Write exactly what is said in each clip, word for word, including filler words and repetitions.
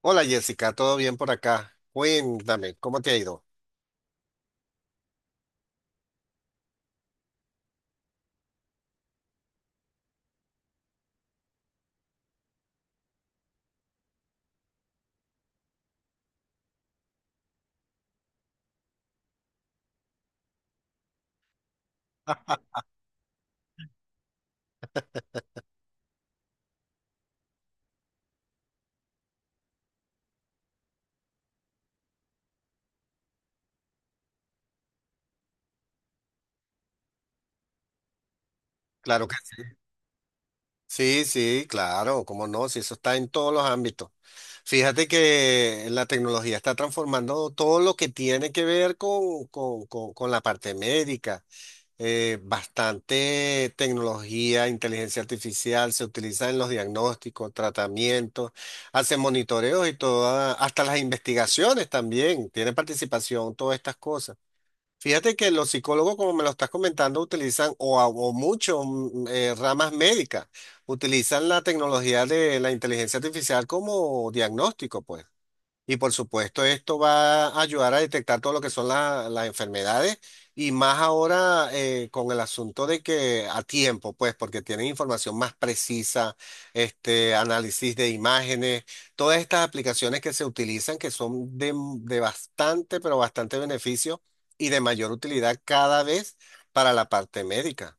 Hola Jessica, ¿todo bien por acá? Cuéntame, ¿cómo te ha ido? Claro que sí. Sí, sí, claro, cómo no, si eso está en todos los ámbitos. Fíjate que la tecnología está transformando todo lo que tiene que ver con, con- con- con la parte médica. Eh, bastante tecnología, inteligencia artificial se utiliza en los diagnósticos, tratamientos, hace monitoreos y toda, hasta las investigaciones también, tiene participación todas estas cosas. Fíjate que los psicólogos, como me lo estás comentando, utilizan, o, a- o muchos mm, eh, ramas médicas, utilizan la tecnología de la inteligencia artificial como diagnóstico, pues. Y por supuesto, esto va a ayudar a detectar todo lo que son la- las enfermedades y más ahora eh, con el asunto de que a tiempo, pues, porque tienen información más precisa, este, análisis de imágenes, todas estas aplicaciones que se utilizan que son de, de bastante, pero bastante beneficio y de mayor utilidad cada vez para la parte médica.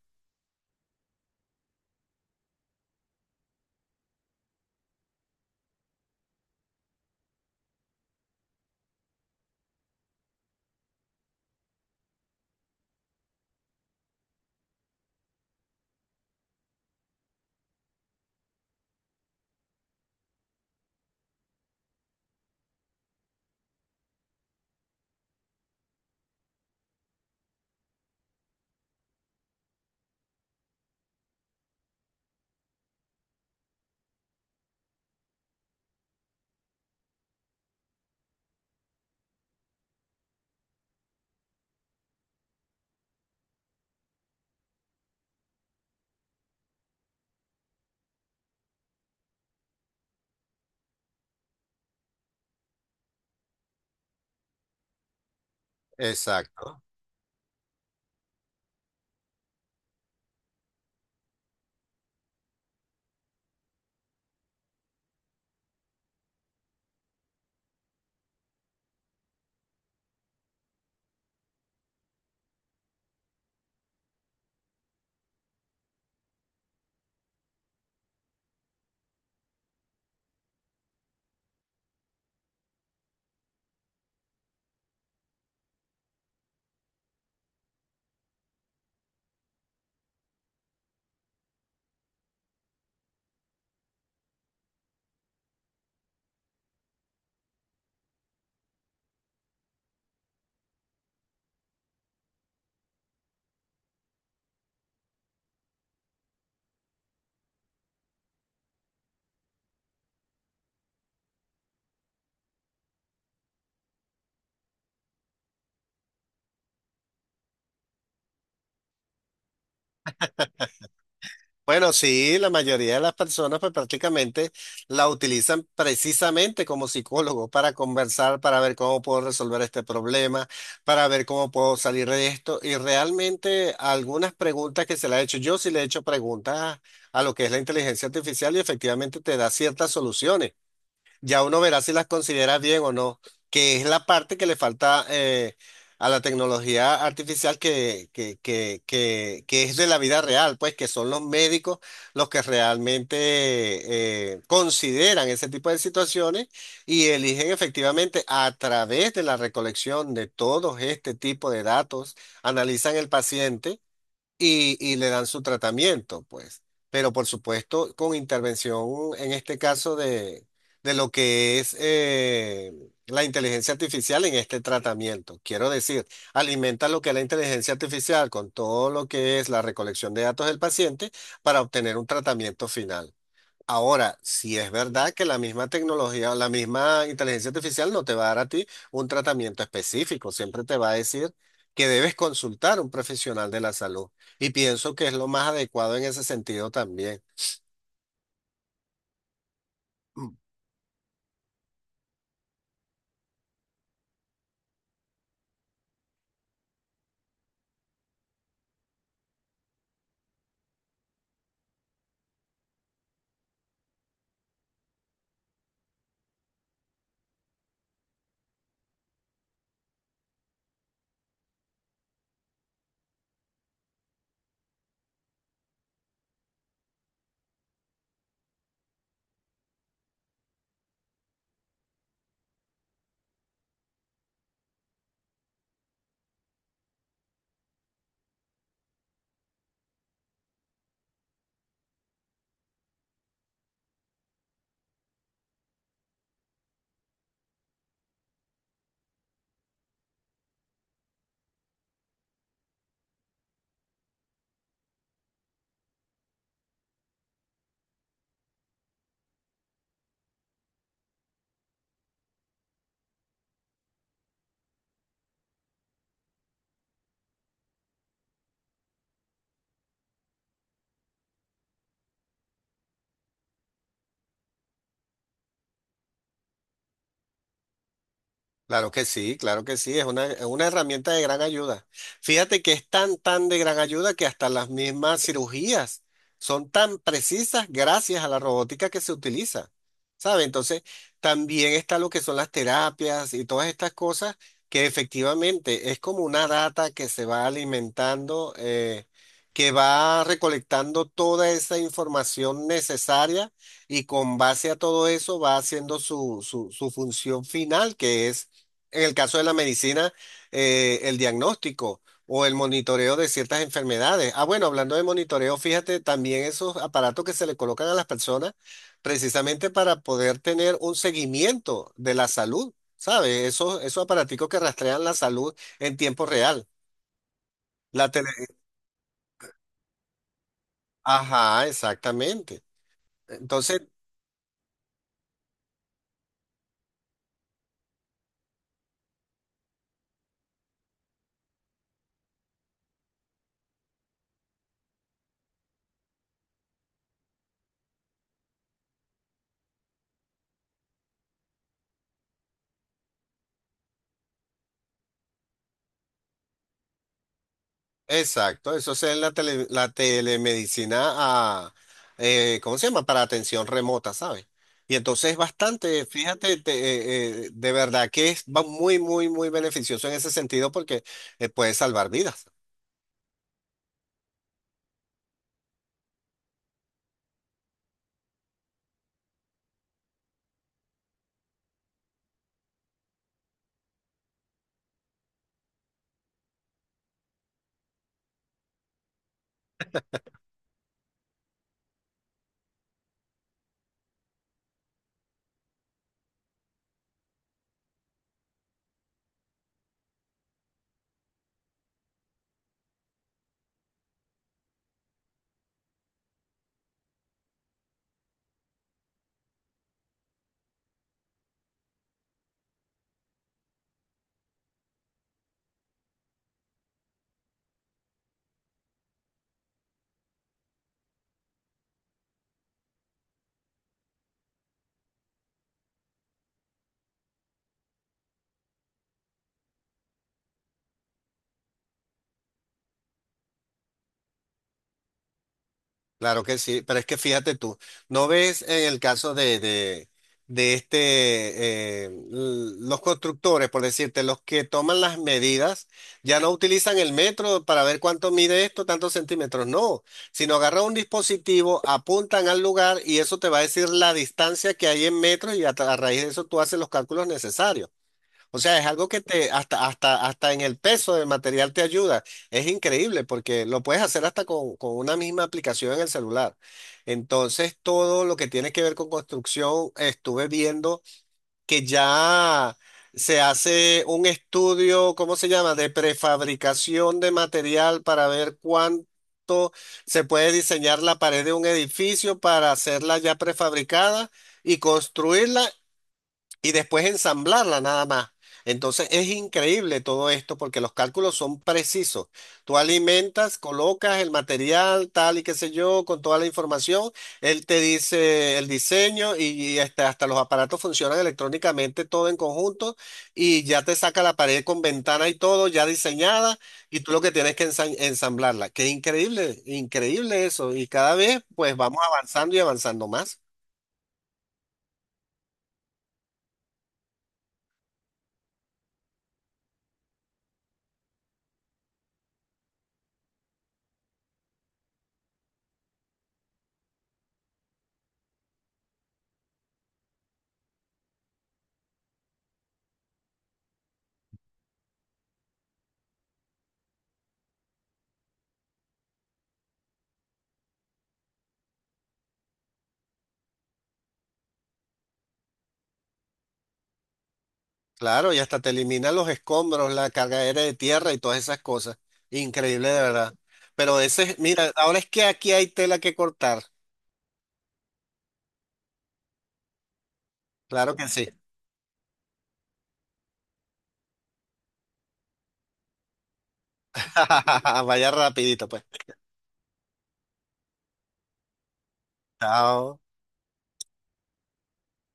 Exacto. Bueno, sí, la mayoría de las personas pues prácticamente la utilizan precisamente como psicólogo para conversar, para ver cómo puedo resolver este problema, para ver cómo puedo salir de esto. Y realmente algunas preguntas que se le ha hecho, yo sí le he hecho preguntas a lo que es la inteligencia artificial y efectivamente te da ciertas soluciones ya uno verá si las considera bien o no, que es la parte que le falta eh, a la tecnología artificial que, que, que, que, que es de la vida real, pues que son los médicos los que realmente eh, consideran ese tipo de situaciones y eligen efectivamente a través de la recolección de todos este tipo de datos, analizan el paciente y, y le dan su tratamiento, pues. Pero por supuesto, con intervención, en este caso, de, de lo que es eh, la inteligencia artificial en este tratamiento. Quiero decir, alimenta lo que es la inteligencia artificial con todo lo que es la recolección de datos del paciente para obtener un tratamiento final. Ahora, si es verdad que la misma tecnología, la misma inteligencia artificial no te va a dar a ti un tratamiento específico, siempre te va a decir que debes consultar a un profesional de la salud. Y pienso que es lo más adecuado en ese sentido también. Claro que sí, claro que sí, es una, es una herramienta de gran ayuda. Fíjate que es tan, tan de gran ayuda que hasta las mismas cirugías son tan precisas gracias a la robótica que se utiliza, ¿sabe? Entonces, también está lo que son las terapias y todas estas cosas que efectivamente es como una data que se va alimentando, eh, que va recolectando toda esa información necesaria y con base a todo eso va haciendo su, su su función final, que es en el caso de la medicina, eh, el diagnóstico o el monitoreo de ciertas enfermedades. Ah, bueno, hablando de monitoreo, fíjate también esos aparatos que se le colocan a las personas precisamente para poder tener un seguimiento de la salud, ¿sabes? Esos, esos aparaticos que rastrean la salud en tiempo real. La tele... Ajá, exactamente. Entonces, exacto, eso es en la, tele- la telemedicina, a, eh, ¿cómo se llama? Para atención remota, ¿sabes? Y entonces es bastante, fíjate, te- eh, eh, de verdad que es va muy, muy, muy beneficioso en ese sentido porque eh, puede salvar vidas. Claro que sí, pero es que fíjate tú, ¿no ves en el caso de, de, de este, eh, l- los constructores, por decirte, los que toman las medidas, ya no utilizan el metro para ver cuánto mide esto, tantos centímetros, no, sino agarran un dispositivo, apuntan al lugar y eso te va a decir la distancia que hay en metros y a, tra- a raíz de eso tú haces los cálculos necesarios. O sea, es algo que te, hasta, hasta, hasta en el peso del material te ayuda. Es increíble porque lo puedes hacer hasta con, con una misma aplicación en el celular. Entonces, todo lo que tiene que ver con construcción, estuve viendo que ya se hace un estudio, ¿cómo se llama?, de prefabricación de material para ver cuánto se puede diseñar la pared de un edificio para hacerla ya prefabricada y construirla y después ensamblarla nada más. Entonces es increíble todo esto porque los cálculos son precisos. Tú alimentas, colocas el material, tal y qué sé yo, con toda la información. Él te dice el diseño y hasta, hasta los aparatos funcionan electrónicamente todo en conjunto y ya te saca la pared con ventana y todo ya diseñada y tú lo que tienes que ensa- ensamblarla. Qué increíble, increíble eso. Y cada vez pues vamos avanzando y avanzando más. Claro, y hasta te elimina los escombros, la carga aérea de tierra y todas esas cosas. Increíble, de verdad. Pero ese, es- mira, ahora es que aquí hay tela que cortar. Claro que sí. Vaya rapidito, pues. Chao.